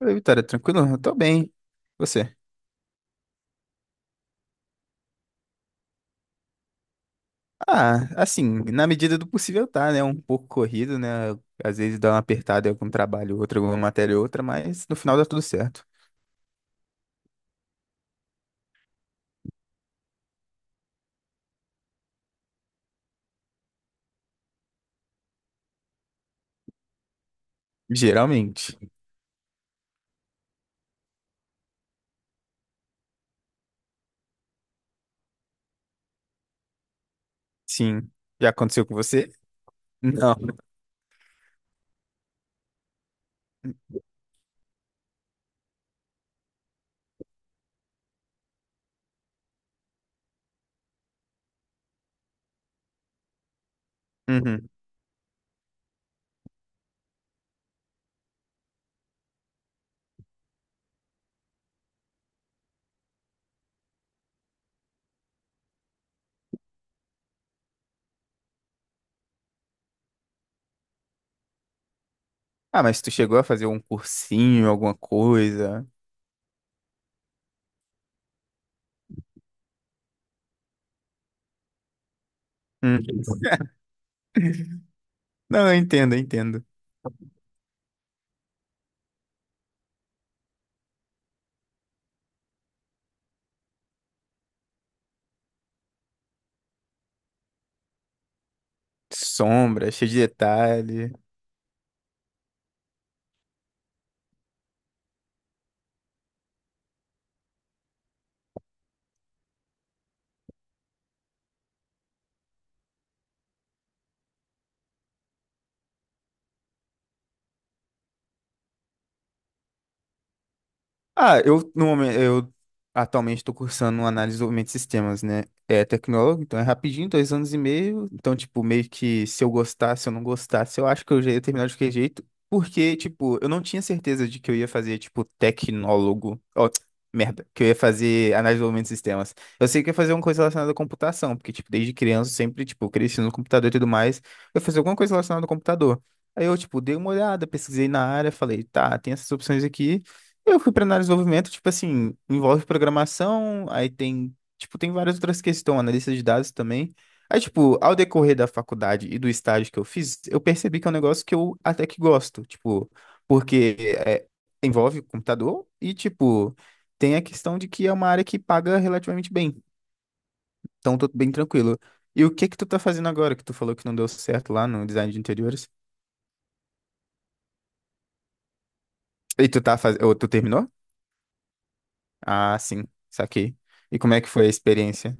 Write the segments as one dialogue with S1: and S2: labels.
S1: Oi, Vitória, tranquilo? Eu tô bem. Você? Ah, assim, na medida do possível tá, né? Um pouco corrido, né? Às vezes dá uma apertada em algum trabalho, outro, alguma matéria, outra, mas no final dá tudo certo. Geralmente. Sim. Já aconteceu com você? Não. Uhum. Ah, mas tu chegou a fazer um cursinho, alguma coisa? Hum. Não, eu entendo, eu entendo. Sombra, cheio de detalhe. Ah, eu no momento eu atualmente estou cursando análise e desenvolvimento de sistemas, né? É tecnólogo, então é rapidinho, 2 anos e meio. Então, tipo, meio que se eu gostasse, se eu não gostasse, eu acho que eu já ia terminar de qualquer jeito. Porque, tipo, eu não tinha certeza de que eu ia fazer, tipo, tecnólogo. Ó, merda, que eu ia fazer análise e desenvolvimento de sistemas. Eu sei que eu ia fazer alguma coisa relacionada à computação, porque, tipo, desde criança, eu sempre, tipo, cresci no computador e tudo mais. Eu ia fazer alguma coisa relacionada ao computador. Aí eu, tipo, dei uma olhada, pesquisei na área, falei, tá, tem essas opções aqui. Eu fui para análise de desenvolvimento, tipo assim, envolve programação, aí tem, tipo, tem várias outras questões, analista de dados também. Aí, tipo, ao decorrer da faculdade e do estágio que eu fiz, eu percebi que é um negócio que eu até que gosto, tipo, porque é, envolve computador e, tipo, tem a questão de que é uma área que paga relativamente bem, então tô bem tranquilo. E o que que tu tá fazendo agora, que tu falou que não deu certo lá no design de interiores? E tu tá fazendo, ou tu terminou? Ah, sim, saquei. E como é que foi a experiência?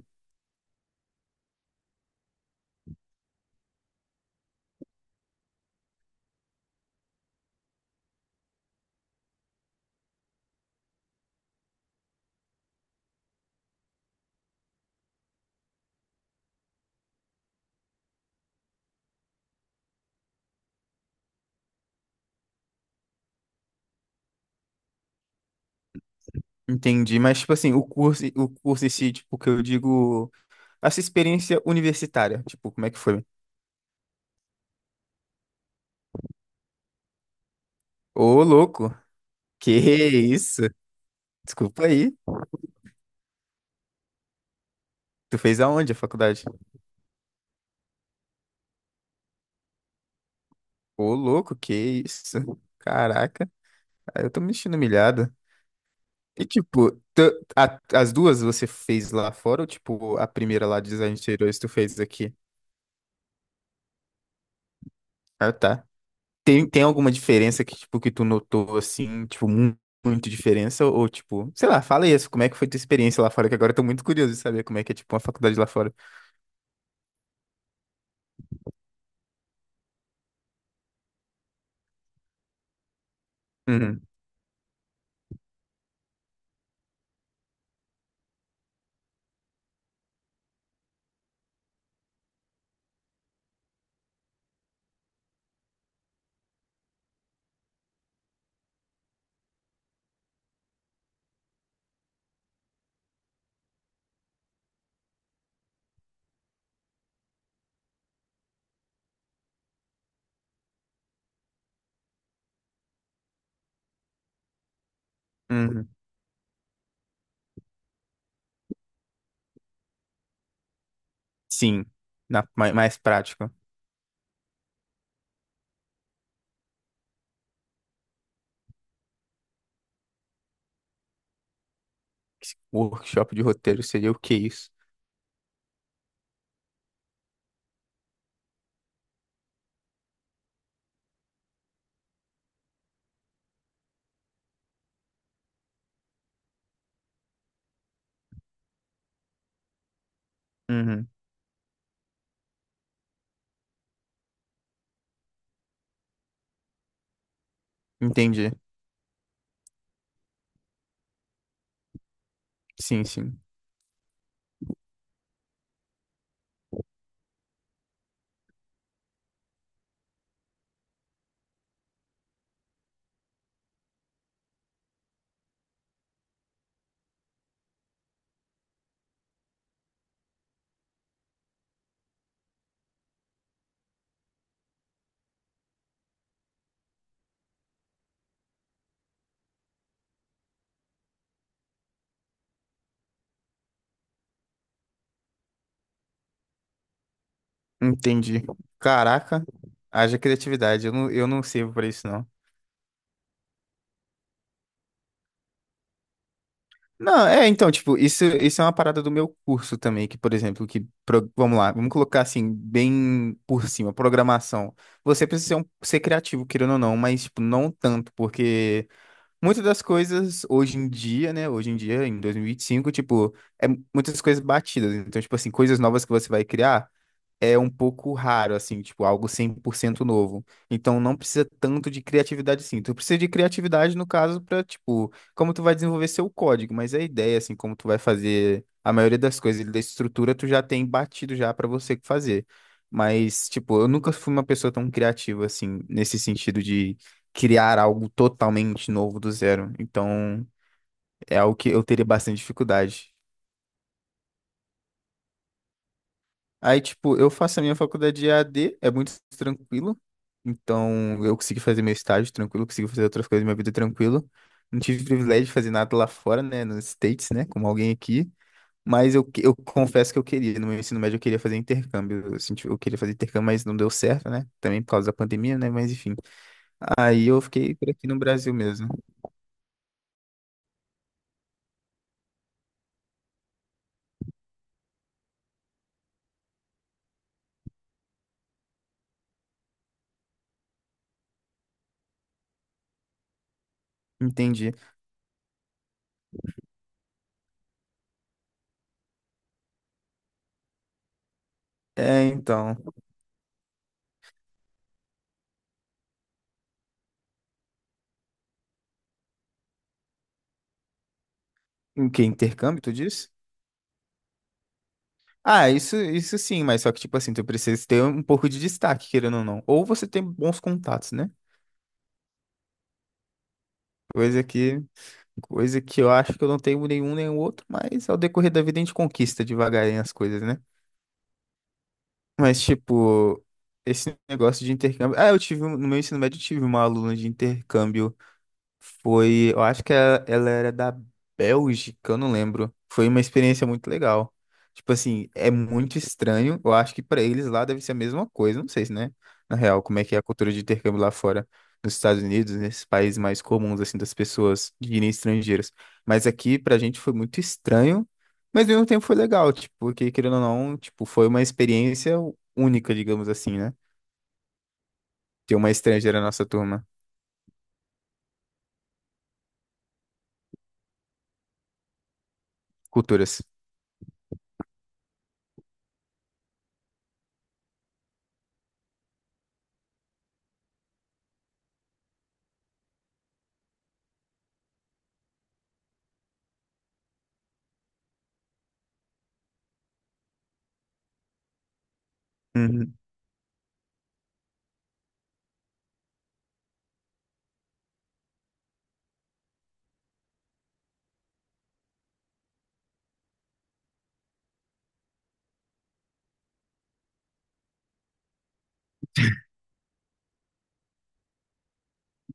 S1: Entendi, mas tipo assim, o curso em si, tipo, que eu digo, essa experiência universitária, tipo, como é que foi? Ô, louco, que isso? Desculpa aí, tu fez aonde a faculdade? Ô, louco, que isso? Caraca, aí eu tô me sentindo humilhado. E, tipo, as duas você fez lá fora ou, tipo, a primeira lá de design de interiores tu fez aqui? Ah, tá. Tem, tem alguma diferença que, tipo, que tu notou, assim, tipo, muito diferença? Ou, tipo, sei lá, fala isso, como é que foi tua experiência lá fora? Que agora eu tô muito curioso de saber como é que é, tipo, uma faculdade lá fora. Uhum, uhum. Sim, na, mais, mais prática. Workshop de roteiro seria o que isso? Uhum, entendi. Sim, sim. Entendi. Caraca, haja criatividade. Eu não sirvo pra isso, não. Não, é, então, tipo, isso é uma parada do meu curso também, que, por exemplo, que, vamos lá, vamos colocar assim, bem por cima, programação. Você precisa ser, ser criativo, querendo ou não, mas, tipo, não tanto, porque muitas das coisas hoje em dia, né, hoje em dia, em dois mil e vinte e cinco tipo, é muitas coisas batidas. Então, tipo assim, coisas novas que você vai criar é um pouco raro, assim, tipo, algo 100% novo. Então, não precisa tanto de criatividade, sim. Tu precisa de criatividade, no caso, para, tipo, como tu vai desenvolver seu código, mas a ideia, assim, como tu vai fazer a maioria das coisas da estrutura, tu já tem batido já para você fazer. Mas, tipo, eu nunca fui uma pessoa tão criativa, assim, nesse sentido de criar algo totalmente novo do zero. Então, é algo que eu teria bastante dificuldade. Aí, tipo, eu faço a minha faculdade de AD é muito tranquilo. Então, eu consegui fazer meu estágio tranquilo, consegui fazer outras coisas da minha vida tranquilo. Não tive privilégio de fazer nada lá fora, né, nos States, né, como alguém aqui. Mas eu, eu confesso que eu queria, no meu ensino médio eu queria fazer intercâmbio. Eu senti, eu queria fazer intercâmbio, mas não deu certo, né? Também por causa da pandemia, né? Mas enfim. Aí eu fiquei por aqui no Brasil mesmo. Entendi. É, então. O que? Intercâmbio, tu disse? Ah, isso sim, mas só que, tipo assim, tu precisa ter um pouco de destaque, querendo ou não. Ou você tem bons contatos, né? Coisa que, coisa que eu acho que eu não tenho nenhum nem o outro, mas ao decorrer da vida a gente conquista devagarinho as coisas, né? Mas, tipo, esse negócio de intercâmbio. Ah, eu tive, no meu ensino médio, eu tive uma aluna de intercâmbio. Foi, eu acho que ela era da Bélgica, eu não lembro. Foi uma experiência muito legal. Tipo assim, é muito estranho. Eu acho que pra eles lá deve ser a mesma coisa. Não sei se, né? Na real, como é que é a cultura de intercâmbio lá fora, nos Estados Unidos, nesses países mais comuns, assim, das pessoas de irem estrangeiras. Mas aqui, pra gente, foi muito estranho, mas ao mesmo tempo foi legal, tipo, porque, querendo ou não, tipo, foi uma experiência única, digamos assim, né? Ter uma estrangeira na nossa turma. Culturas. Uhum.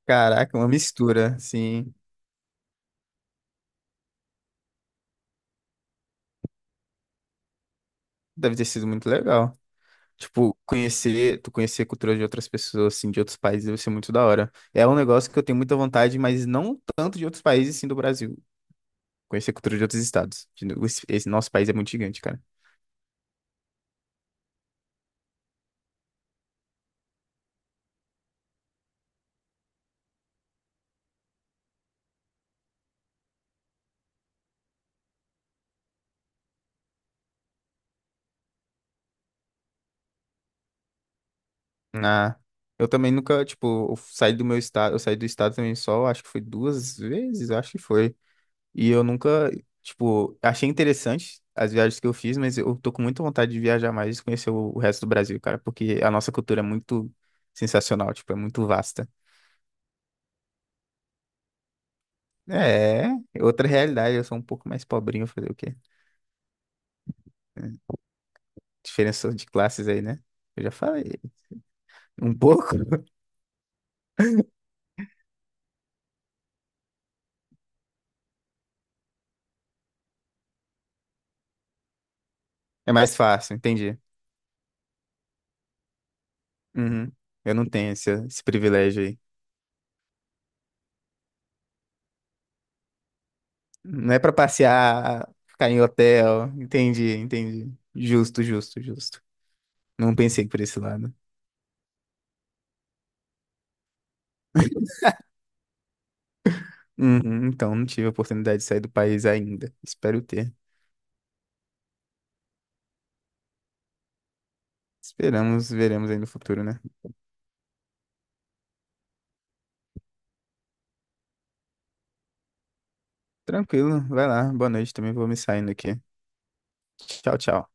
S1: Caraca, uma mistura, sim. Deve ter sido muito legal. Tipo, conhecer, tu conhecer a cultura de outras pessoas, assim, de outros países, deve ser muito da hora. É um negócio que eu tenho muita vontade, mas não tanto de outros países, sim, do Brasil. Conhecer a cultura de outros estados. De no- Esse nosso país é muito gigante, cara. Ah, eu também nunca, tipo, eu saí do meu estado, eu saí do estado também só, acho que foi 2 vezes, acho que foi. E eu nunca, tipo, achei interessante as viagens que eu fiz, mas eu tô com muita vontade de viajar mais e conhecer o resto do Brasil, cara, porque a nossa cultura é muito sensacional, tipo, é muito vasta. É, é outra realidade, eu sou um pouco mais pobrinho, fazer o quê? É, diferença de classes aí, né? Eu já falei. Um pouco? É mais fácil, entendi. Uhum. Eu não tenho esse, esse privilégio aí. Não é pra passear, ficar em hotel. Entendi, entendi. Justo, justo, justo. Não pensei por esse lado. Uhum, então, não tive a oportunidade de sair do país ainda. Espero ter. Esperamos, veremos aí no futuro, né? Tranquilo, vai lá. Boa noite, também vou me saindo aqui. Tchau, tchau.